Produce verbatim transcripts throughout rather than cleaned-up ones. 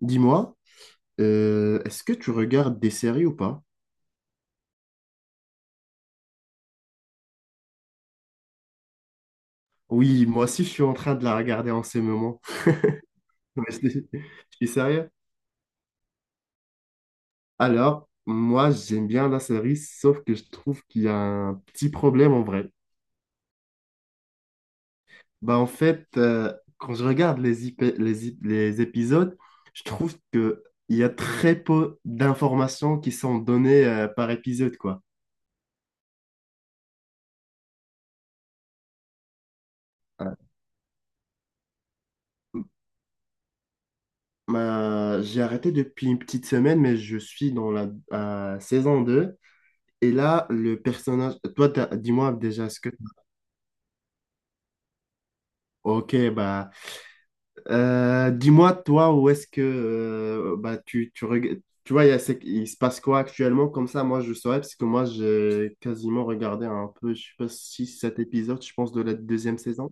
Dis-moi, euh, est-ce que tu regardes des séries ou pas? Oui, moi aussi, je suis en train de la regarder en ce moment. Ouais, Je je suis sérieux. Alors, moi, j'aime bien la série, sauf que je trouve qu'il y a un petit problème en vrai. Bah, en fait, euh, quand je regarde les, ip- les, ip- les épisodes, je trouve que il y a très peu d'informations qui sont données euh, par épisode, quoi. Ouais. Bah, j'ai arrêté depuis une petite semaine, mais je suis dans la euh, saison deux. Et là, le personnage, toi, t'as- dis-moi déjà ce que. Ok, bah, euh, dis-moi toi où est-ce que euh, bah, tu, tu, reg- tu vois, il, y a ce- il se passe quoi actuellement, comme ça, moi, je saurais, parce que moi, j'ai quasiment regardé un peu, je sais pas, six, sept épisodes, je pense, de la deuxième saison.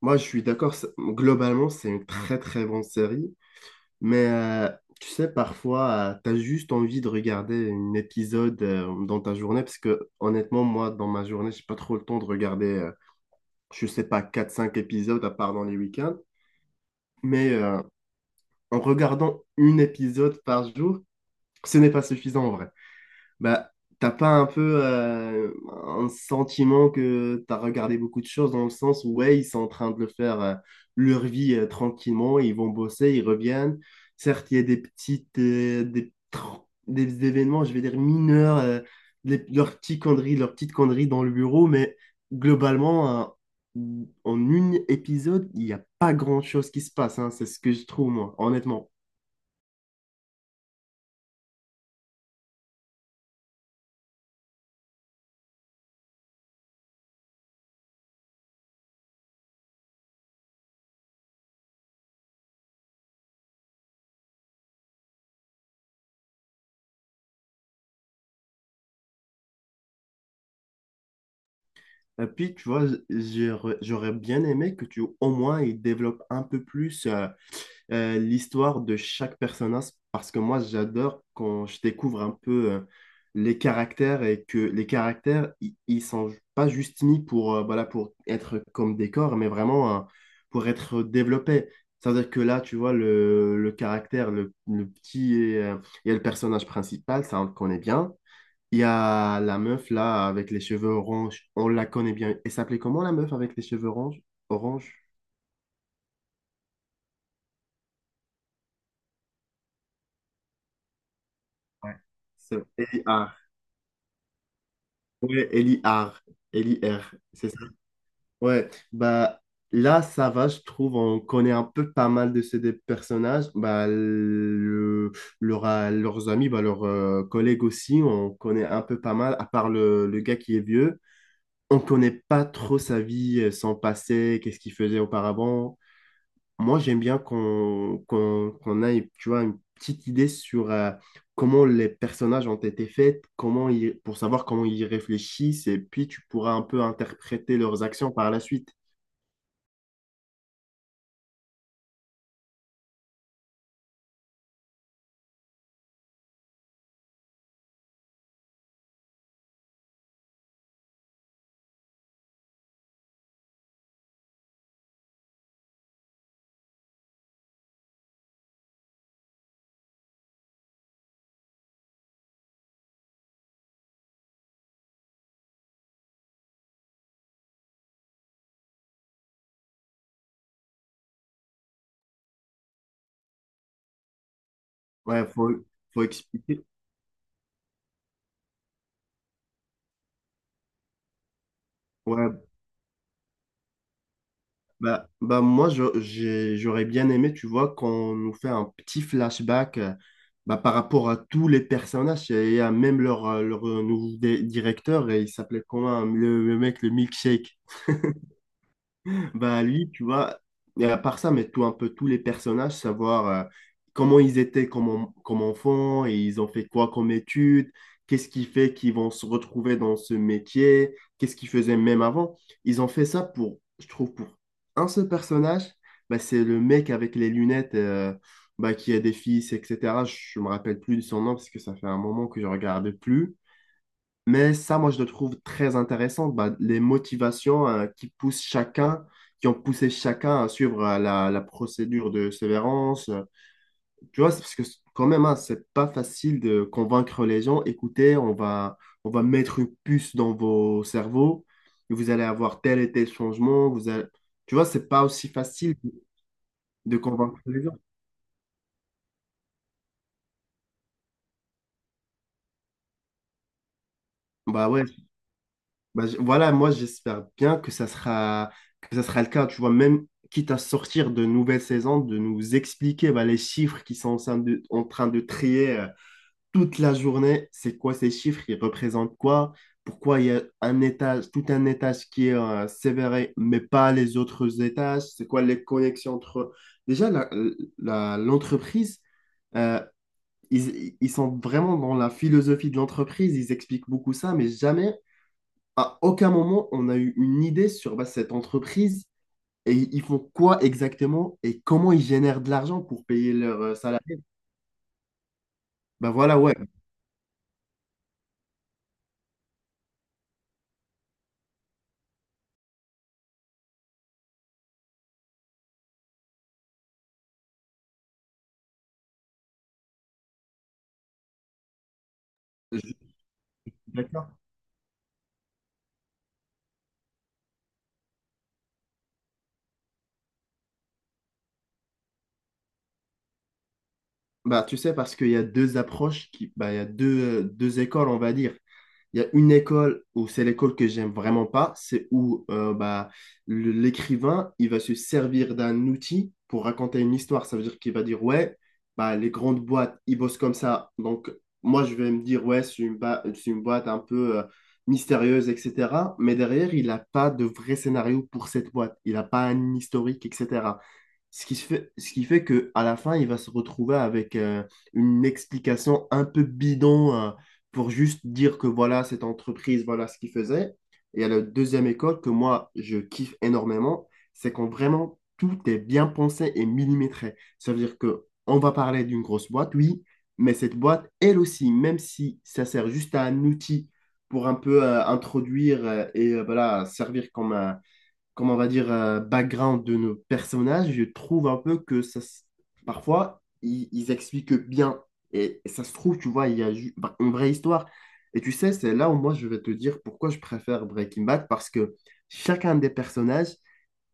Moi, je suis d'accord, c'est- globalement, c'est une très, très bonne série, mais euh, tu sais, parfois, tu as juste envie de regarder un épisode euh, dans ta journée, parce que honnêtement, moi, dans ma journée, j'ai pas trop le temps de regarder. euh, je sais pas, quatre cinq épisodes à part dans les week-ends. Mais euh, en regardant un épisode par jour, ce n'est pas suffisant en vrai. Bah, t'as pas un peu euh, un sentiment que t'as regardé beaucoup de choses dans le sens où, ouais, ils sont en train de le faire euh, leur vie euh, tranquillement, ils vont bosser, ils reviennent. Certes, il y a des petites, euh, des, tr- des événements, je vais dire mineurs, euh, les- leurs petits conneries, leurs petites conneries dans le bureau, mais globalement, euh, en un épisode, il n'y a pas grand-chose qui se passe, hein, c'est ce que je trouve, moi, honnêtement. Et puis, tu vois, j'aurais j'aurais bien aimé que tu, au moins, il développe un peu plus euh, euh, l'histoire de chaque personnage, parce que moi, j'adore quand je découvre un peu euh, les caractères et que les caractères, i- ils sont pas juste mis pour, euh, voilà, pour être comme des corps, mais vraiment euh, pour être développés. C'est-à-dire que là, tu vois, le, le caractère, le, le petit et, euh, et le personnage principal, ça, on le connaît bien. Il y a la meuf là avec les cheveux orange. On la connaît bien. Elle s'appelait comment la meuf avec les cheveux orange? Orange? Ouais. C'est Ellie R. Ouais, Ellie R. Ellie R. C'est ça. Ouais. Bah là, ça va, je trouve. On connaît un peu pas mal de ces des personnages. Bah le- leur- leurs amis, bah, leurs euh, collègues aussi, on connaît un peu pas mal. À part le, le gars qui est vieux, on connaît pas trop sa vie, euh, son passé, qu'est-ce qu'il faisait auparavant. Moi, j'aime bien qu'on qu'on, qu'on ait, tu vois, une petite idée sur euh, comment les personnages ont été faits, comment ils, pour savoir comment ils réfléchissent, et puis tu pourras un peu interpréter leurs actions par la suite. Ouais, faut, faut expliquer. Ouais, bah, bah moi, je- j'ai- j'aurais bien aimé, tu vois, qu'on nous fait un petit flashback euh, bah, par rapport à tous les personnages et à même leur, euh, leur euh, nouveau dé- directeur, et il s'appelait comment, le, le mec, le milkshake. Bah lui, tu vois, et à part ça, mais tout un peu tous les personnages, savoir euh, comment ils étaient comme, en- comme enfants, et ils ont fait quoi comme études, qu'est-ce qui fait qu'ils vont se retrouver dans ce métier, qu'est-ce qu'ils faisaient même avant. Ils ont fait ça pour, je trouve, pour un seul personnage, bah, c'est le mec avec les lunettes euh, bah, qui a des fils, et cetera. Je me rappelle plus de son nom parce que ça fait un moment que je regarde plus. Mais ça, moi, je le trouve très intéressant, bah, les motivations euh, qui poussent chacun, qui ont poussé chacun à suivre euh, la, la procédure de sévérance. Tu vois, c'est parce que c'est- quand même, hein, c'est pas facile de convaincre les gens, écoutez, on va, on va, mettre une puce dans vos cerveaux, et vous allez avoir tel et tel changement, vous allez... Tu vois, c'est pas aussi facile de convaincre les gens. Bah ouais, bah, j- voilà, moi j'espère bien que ça sera, que ça sera le cas, tu vois, même quitte à sortir de nouvelles saisons, de nous expliquer bah, les chiffres qui sont en train de, en train de trier euh, toute la journée, c'est quoi ces chiffres, ils représentent quoi, pourquoi il y a un étage, tout un étage qui est euh, sévéré, mais pas les autres étages, c'est quoi les connexions entre... eux. Déjà, la, la- l'entreprise... euh, ils, ils sont vraiment dans la philosophie de l'entreprise, ils expliquent beaucoup ça, mais jamais à aucun moment on a eu une idée sur bah, cette entreprise et ils font quoi exactement et comment ils génèrent de l'argent pour payer leurs euh, salariés. Bah voilà, ouais, je suis d'accord. Bah tu sais, parce qu'il y a deux approches, qui, bah, il y a deux, euh, deux écoles, on va dire. Il y a une école où c'est l'école que j'aime vraiment pas, c'est où euh, bah, le- l'écrivain, il va se servir d'un outil pour raconter une histoire. Ça veut dire qu'il va dire, ouais, bah, les grandes boîtes, ils bossent comme ça. Donc, moi, je vais me dire, ouais, c'est une, ba- c'est une boîte un peu euh, mystérieuse, et cetera. Mais derrière, il n'a pas de vrai scénario pour cette boîte. Il n'a pas un historique, et cetera. Ce qui se fait, ce qui fait que à la fin, il va se retrouver avec euh, une explication un peu bidon euh, pour juste dire que voilà, cette entreprise, voilà ce qu'il faisait. Et à la deuxième école que moi, je kiffe énormément, c'est quand vraiment tout est bien pensé et millimétré. Ça veut dire que on va parler d'une grosse boîte, oui, mais cette boîte, elle aussi, même si ça sert juste à un outil pour un peu euh, introduire euh, et euh, voilà, servir comme un, comment on va dire, euh, background de nos personnages, je trouve un peu que ça, s- parfois, ils, ils expliquent bien. Et, et ça se trouve, tu vois, il y a ju- bah, une vraie histoire. Et tu sais, c'est là où moi, je vais te dire pourquoi je préfère Breaking Bad, parce que chacun des personnages,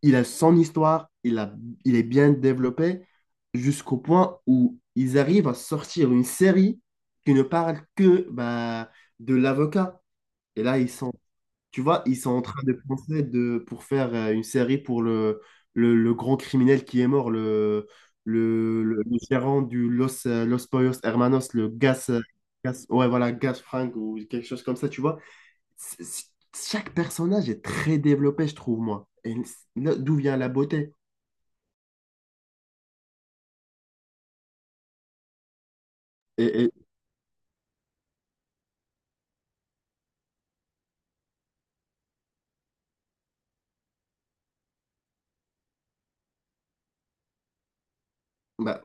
il a son histoire, il a, il est bien développé, jusqu'au point où ils arrivent à sortir une série qui ne parle que bah, de l'avocat. Et là, ils sont tu vois, ils sont en train de penser de, pour faire euh, une série pour le, le, le grand criminel qui est mort, le, le, le- le gérant du Los, euh, Los Pollos Hermanos, le Gas, euh, Gas- ouais, voilà, Gas Frank ou quelque chose comme ça, tu vois. C'est- c'est- Chaque personnage est très développé, je trouve, moi. Et là, d'où vient la beauté? Et, et, bah,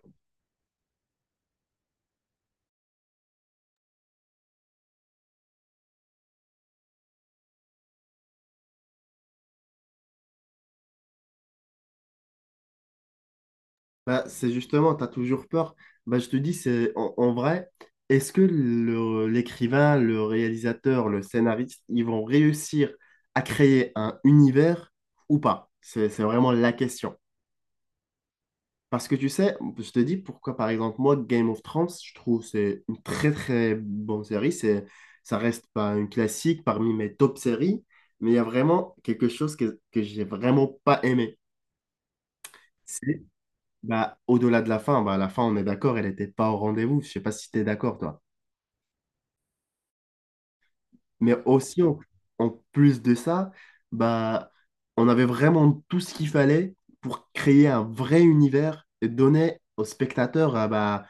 Bah, c'est justement, tu as toujours peur. Bah, je te dis, c'est en, en vrai, est-ce que le- l'écrivain, le réalisateur, le scénariste, ils vont réussir à créer un univers ou pas? C'est, c'est vraiment la question. Parce que tu sais, je te dis pourquoi, par exemple, moi, Game of Thrones, je trouve c'est une très très bonne série. C'est, ça reste pas une classique parmi mes top séries, mais il y a vraiment quelque chose que, que j'ai vraiment pas aimé. Bah, au-delà de la fin, bah, à la fin, on est d'accord, elle n'était pas au rendez-vous. Je sais pas si tu es d'accord, toi. Mais aussi, en, en plus de ça, bah, on avait vraiment tout ce qu'il fallait pour créer un vrai univers et donner aux spectateurs ah, bah,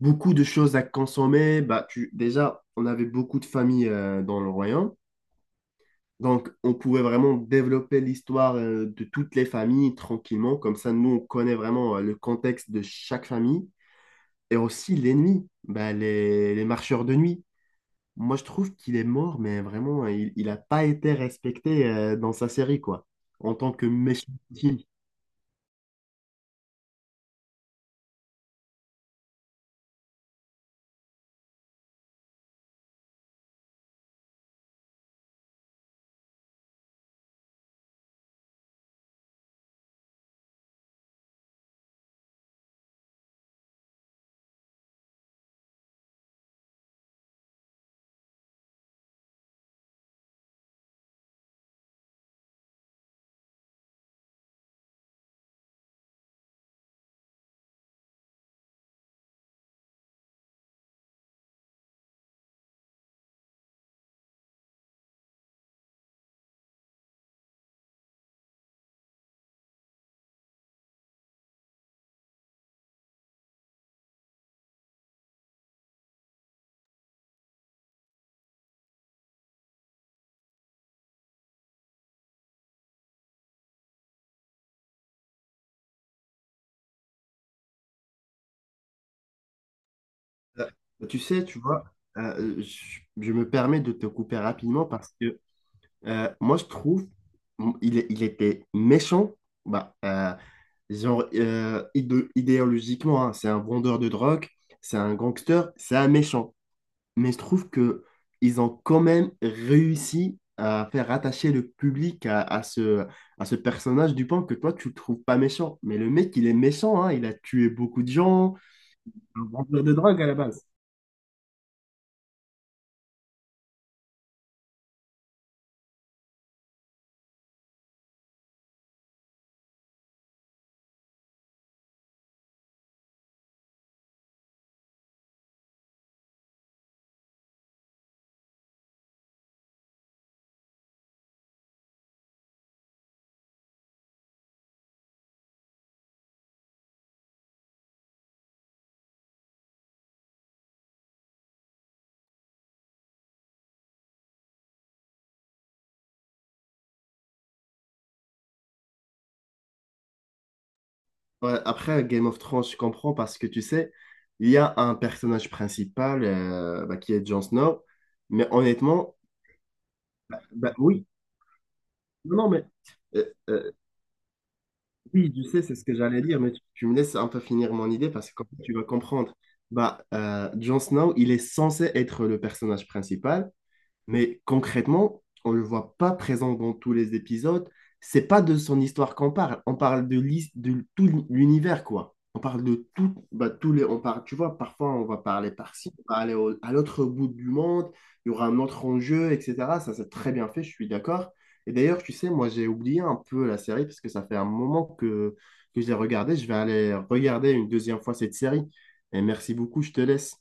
beaucoup de choses à consommer. Bah, tu, déjà, on avait beaucoup de familles euh, dans le royaume. Donc, on pouvait vraiment développer l'histoire euh, de toutes les familles tranquillement. Comme ça, nous, on connaît vraiment euh, le contexte de chaque famille. Et aussi l'ennemi, bah, les, les marcheurs de nuit. Moi, je trouve qu'il est mort, mais vraiment, il, il a pas été respecté euh, dans sa série, quoi, en tant que méchant ultime. Euh, Tu sais, tu vois, euh, je, je me permets de te couper rapidement parce que euh, moi, je trouve m- il, est- il était méchant, bah, euh, genre, euh, idé- idéologiquement, hein, c'est un vendeur de drogue, c'est un gangster, c'est un méchant. Mais je trouve que ils ont quand même réussi à faire attacher le public à, à ce, à ce personnage Dupin que toi, tu le trouves pas méchant. Mais le mec, il est méchant, hein, il a tué beaucoup de gens. Un vendeur de drogue à la base. Ouais, après, Game of Thrones, je comprends parce que tu sais, il y a un personnage principal euh, bah, qui est Jon Snow, mais honnêtement, bah, oui, non, non, mais euh, euh, Oui, tu sais, c'est ce que j'allais dire, mais tu, tu me laisses un peu finir mon idée parce que comme ça, tu vas comprendre. Bah, euh, Jon Snow, il est censé être le personnage principal, mais concrètement, on ne le voit pas présent dans tous les épisodes. C'est pas de son histoire qu'on parle. On parle de, l'his- de tout l'univers, quoi. On parle de tout, bah, tous les, on parle, tu vois, parfois on va parler par-ci, on va aller au- à l'autre bout du monde, il y aura un autre enjeu, et cetera. Ça, c'est très bien fait, je suis d'accord. Et d'ailleurs, tu sais, moi, j'ai oublié un peu la série parce que ça fait un moment que, que je l'ai regardée. Je vais aller regarder une deuxième fois cette série. Et merci beaucoup, je te laisse.